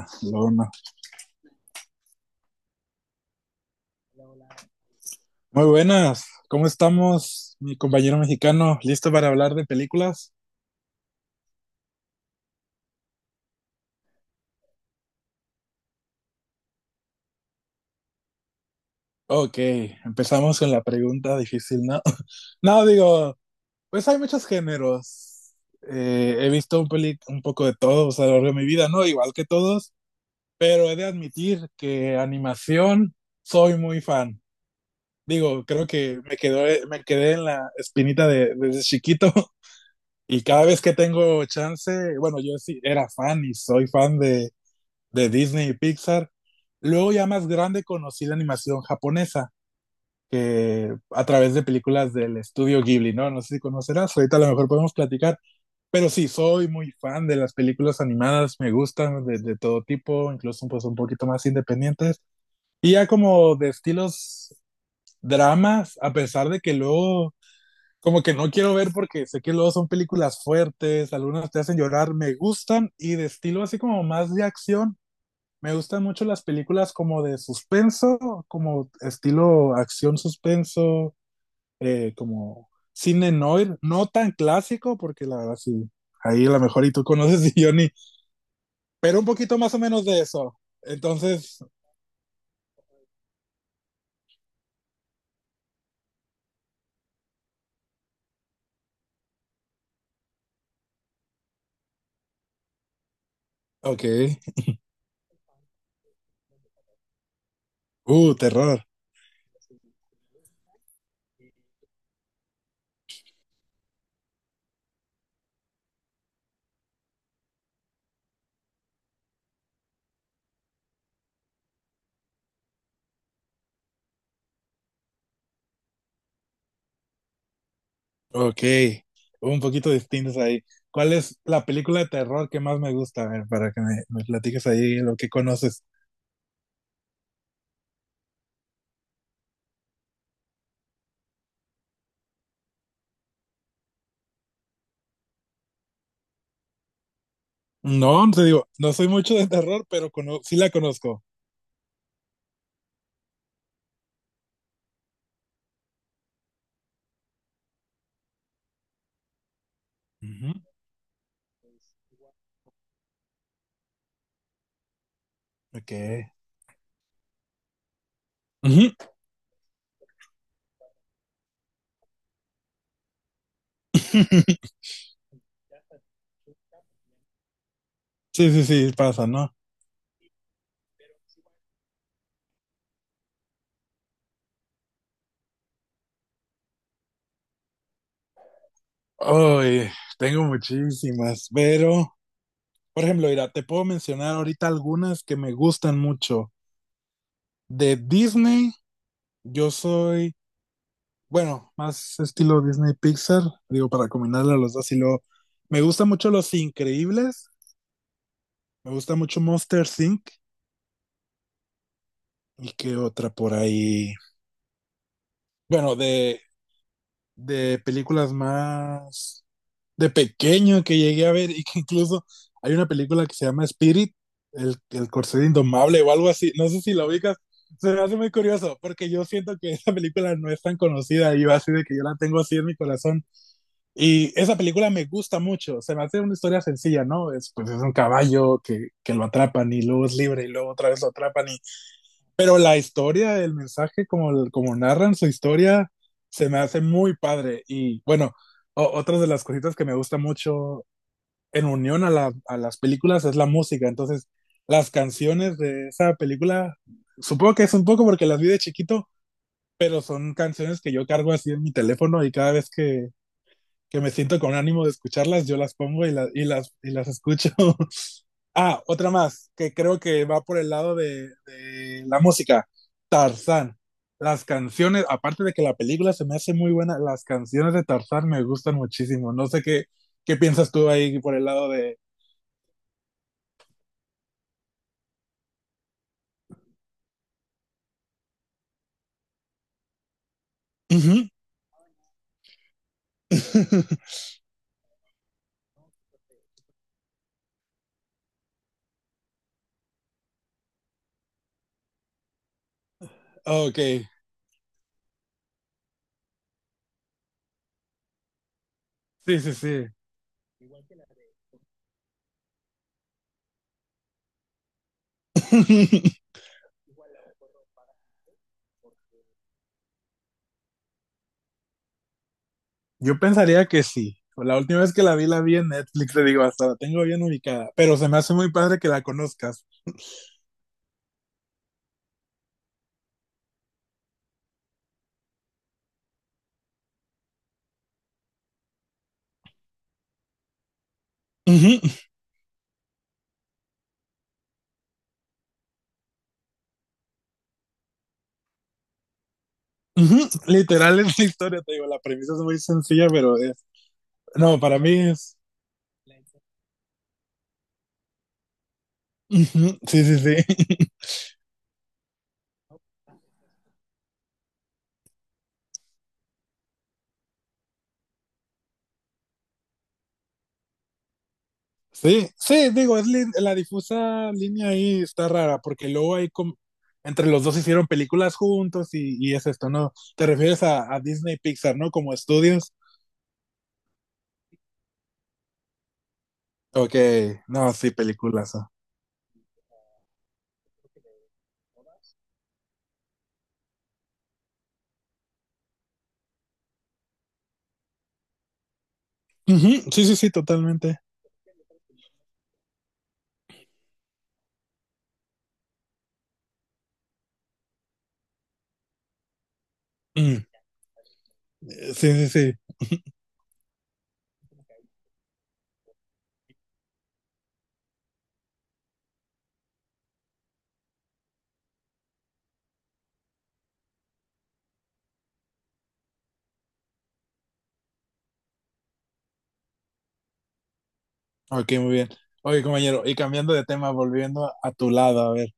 Barcelona. Muy buenas, ¿cómo estamos, mi compañero mexicano? ¿Listo para hablar de películas? Ok, empezamos con la pregunta difícil, ¿no? No, digo, pues hay muchos géneros. He visto un poco de todos a lo largo de mi vida, ¿no? Igual que todos, pero he de admitir que animación soy muy fan. Digo, creo que me quedó, me quedé en la espinita de, desde chiquito y cada vez que tengo chance, bueno, yo sí era fan y soy fan de Disney y Pixar. Luego ya más grande conocí la animación japonesa, que a través de películas del estudio Ghibli, ¿no? No sé si conocerás, ahorita a lo mejor podemos platicar, pero sí, soy muy fan de las películas animadas, me gustan de todo tipo, incluso pues un poquito más independientes. Y ya como de estilos dramas, a pesar de que luego como que no quiero ver porque sé que luego son películas fuertes, algunas te hacen llorar, me gustan y de estilo así como más de acción, me gustan mucho las películas como de suspenso, como estilo acción suspenso, como cine noir, no tan clásico, porque la verdad sí, ahí a lo mejor y tú conoces y yo ni, pero un poquito más o menos de eso. Entonces, ok, terror, ok, un poquito distintos ahí. ¿Cuál es la película de terror que más me gusta? A ver, para me platiques ahí lo que conoces. No, no te digo, no soy mucho de terror, pero sí la conozco. Ujú. Ok. Ujú. Sí, sí, sí, pasa, ¿no? Ay, tengo muchísimas, pero, por ejemplo, mira, te puedo mencionar ahorita algunas que me gustan mucho. De Disney, yo soy, bueno, más estilo Disney Pixar, digo, para combinarle a los dos, y luego, me gusta mucho Los Increíbles, me gusta mucho Monsters Inc. ¿Y qué otra por ahí? Bueno, de películas más de pequeño que llegué a ver y que incluso hay una película que se llama Spirit, el corcel indomable o algo así, no sé si la ubicas, se me hace muy curioso porque yo siento que esa película no es tan conocida y yo así de que yo la tengo así en mi corazón y esa película me gusta mucho, se me hace una historia sencilla, ¿no? Es, pues es un caballo que lo atrapan y luego es libre y luego otra vez lo atrapan y pero la historia, el mensaje, como, como narran su historia, se me hace muy padre. Y bueno, otras de las cositas que me gusta mucho en unión a, a las películas es la música. Entonces, las canciones de esa película, supongo que es un poco porque las vi de chiquito, pero son canciones que yo cargo así en mi teléfono y cada vez que me siento con ánimo de escucharlas, yo las pongo y, y las escucho. Ah, otra más, que creo que va por el lado de la música. Tarzán. Las canciones, aparte de que la película se me hace muy buena, las canciones de Tarzán me gustan muchísimo. No sé qué, qué piensas tú ahí por el lado de... Ujú. Ok, sí, sí, sí. Yo pensaría que sí. La última vez que la vi en Netflix, te digo, hasta la tengo bien ubicada. Pero se me hace muy padre que la conozcas. Ujú, literal es la historia, te digo, la premisa es muy sencilla, pero es... No, para mí es... Ujú, sí, sí, sí. Sí, sí, digo, la difusa línea ahí está rara, porque luego entre los dos hicieron películas juntos y es esto, ¿no? Te refieres a Disney Pixar, ¿no? Como estudios. Ok, no, sí, películas. Ah. Ujú, sí, sí, sí, totalmente. Mm, sí, sí, sí. Ok, muy bien. Oye, compañero, y cambiando de tema, volviendo a tu lado, a ver.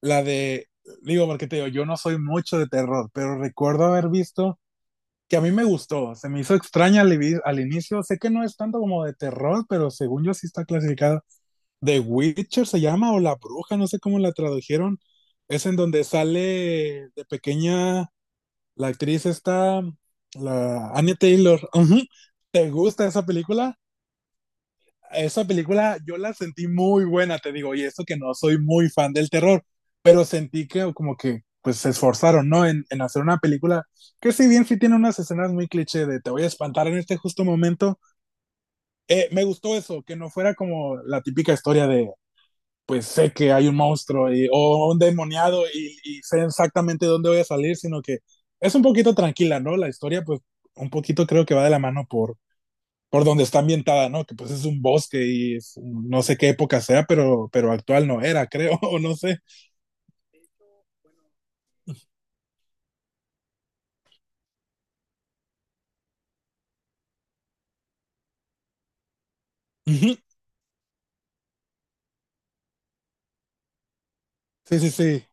La de, digo, porque te digo, yo no soy mucho de terror, pero recuerdo haber visto que a mí me gustó, se me hizo extraña al inicio, sé que no es tanto como de terror, pero según yo sí está clasificada. The Witcher se llama o La Bruja, no sé cómo la tradujeron. Es en donde sale de pequeña la actriz esta, la Annie Taylor. Ujú. ¿Te gusta esa película? Esa película yo la sentí muy buena, te digo, y eso que no soy muy fan del terror, pero sentí que como que pues se esforzaron, ¿no? En hacer una película que si bien sí tiene unas escenas muy cliché de te voy a espantar en este justo momento, me gustó eso, que no fuera como la típica historia de pues sé que hay un monstruo y, o un demoniado y sé exactamente dónde voy a salir, sino que es un poquito tranquila, ¿no? La historia pues un poquito creo que va de la mano por donde está ambientada, ¿no? Que pues es un bosque y es no sé qué época sea, pero actual no era, creo, o no sé. Ujú. Sí, sí, sí.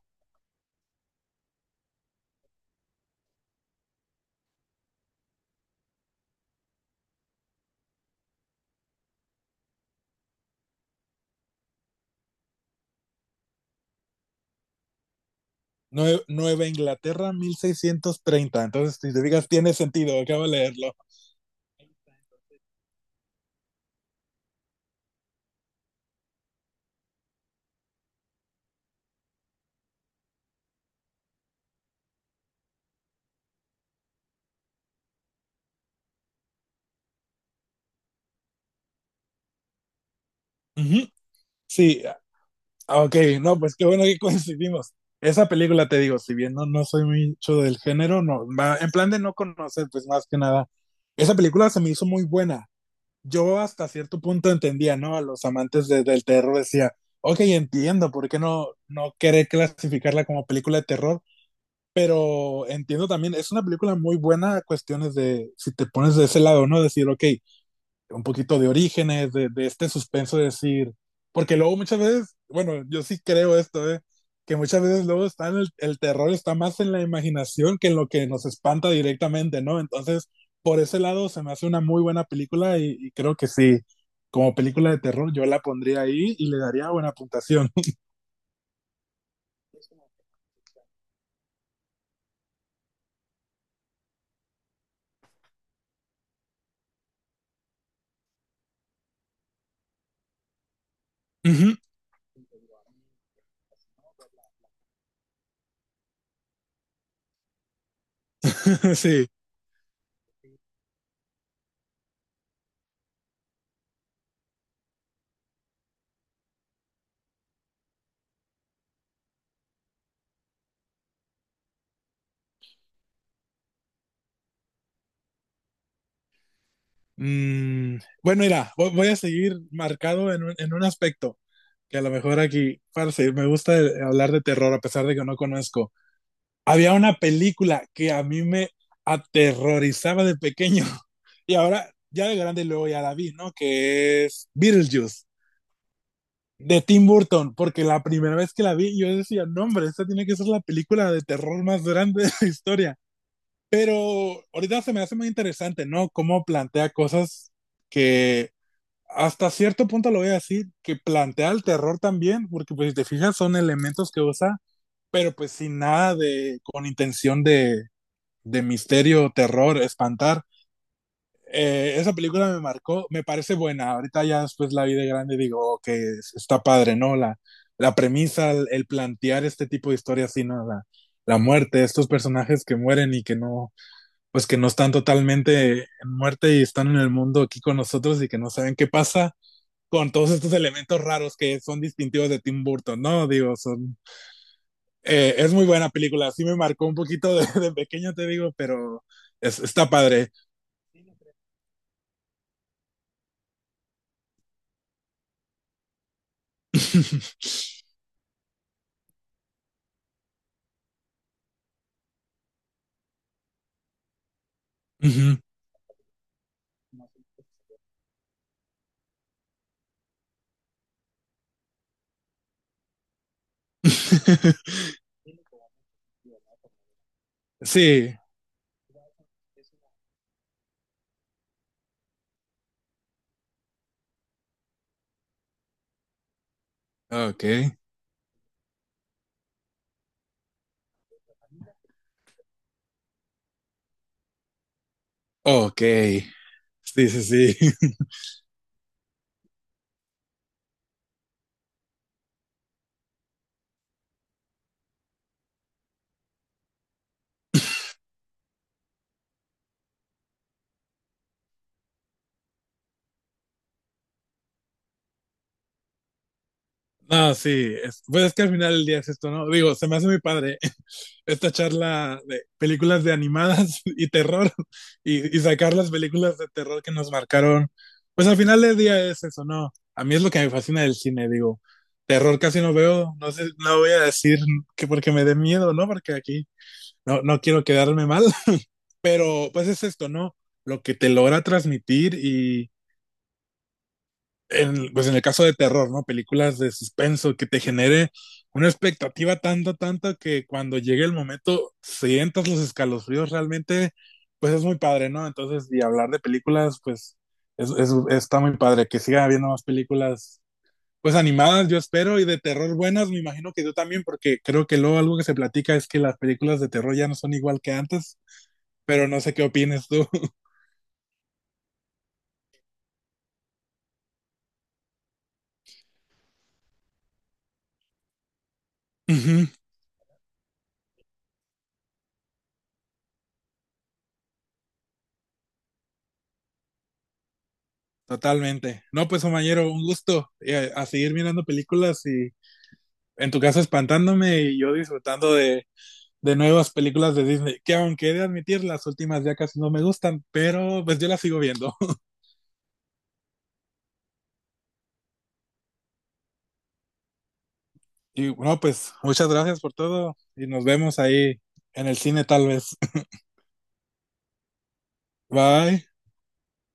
Nueva Inglaterra, 1630. Entonces, si te digas, tiene sentido, acabo de leerlo. Ujú. Sí, ah, ok, no, pues qué bueno que coincidimos. Esa película, te digo, si bien no, no soy mucho del género, no, en plan de no conocer, pues más que nada. Esa película se me hizo muy buena. Yo hasta cierto punto entendía, ¿no? A los amantes del terror decía, ok, entiendo por qué no, no querer clasificarla como película de terror, pero entiendo también, es una película muy buena a cuestiones de, si te pones de ese lado, ¿no? Decir, ok, un poquito de orígenes, de, este suspenso de decir, porque luego muchas veces, bueno, yo sí creo esto, ¿eh? Que muchas veces luego está en terror está más en la imaginación que en lo que nos espanta directamente, ¿no? Entonces, por ese lado se me hace una muy buena película y creo que sí, como película de terror yo la pondría ahí y le daría buena puntuación. Ujú, sí. Mm, bueno, mira, voy a seguir marcado en un aspecto que a lo mejor aquí, parce, me gusta hablar de terror a pesar de que no conozco. Había una película que a mí me aterrorizaba de pequeño y ahora ya de grande luego ya la vi, ¿no? Que es Beetlejuice de Tim Burton, porque la primera vez que la vi yo decía, no hombre, esta tiene que ser la película de terror más grande de la historia. Pero ahorita se me hace muy interesante, ¿no? Cómo plantea cosas que hasta cierto punto lo voy a decir, que plantea el terror también, porque pues si te fijas son elementos que usa, pero pues sin nada de, con intención de misterio, terror, espantar. Esa película me marcó, me parece buena. Ahorita ya después la vi de grande y digo que okay, está padre, ¿no? La premisa, plantear este tipo de historias, así, ¿no? La muerte, estos personajes que mueren y que no, pues que no están totalmente en muerte y están en el mundo aquí con nosotros y que no saben qué pasa con todos estos elementos raros que son distintivos de Tim Burton, ¿no? Digo, son... es muy buena película, sí me marcó un poquito de pequeño, te digo, pero es, está padre. Ujú. Sí, ok, ok. Sí, sí, sí. No, sí, pues es que al final del día es esto, ¿no? Digo, se me hace muy padre esta charla de películas de animadas y terror y sacar las películas de terror que nos marcaron. Pues al final del día es eso, ¿no? A mí es lo que me fascina del cine, digo, terror casi no veo, no sé, no voy a decir que porque me dé miedo, ¿no? Porque aquí no, no quiero quedarme mal. Pero pues es esto, ¿no? Lo que te logra transmitir y en, pues en el caso de terror, ¿no? Películas de suspenso que te genere una expectativa tanto, tanto que cuando llegue el momento sientas los escalofríos realmente, pues es muy padre, ¿no? Entonces, y hablar de películas, pues es, está muy padre, que siga habiendo más películas pues animadas, yo espero, y de terror buenas, me imagino que tú también, porque creo que luego algo que se platica es que las películas de terror ya no son igual que antes, pero no sé qué opines tú. Totalmente. No, pues, compañero, un gusto a, seguir mirando películas y en tu caso espantándome y yo disfrutando de nuevas películas de Disney, que aunque he de admitir, las últimas ya casi no me gustan, pero pues yo las sigo viendo. Y bueno, pues muchas gracias por todo y nos vemos ahí en el cine tal vez. Bye.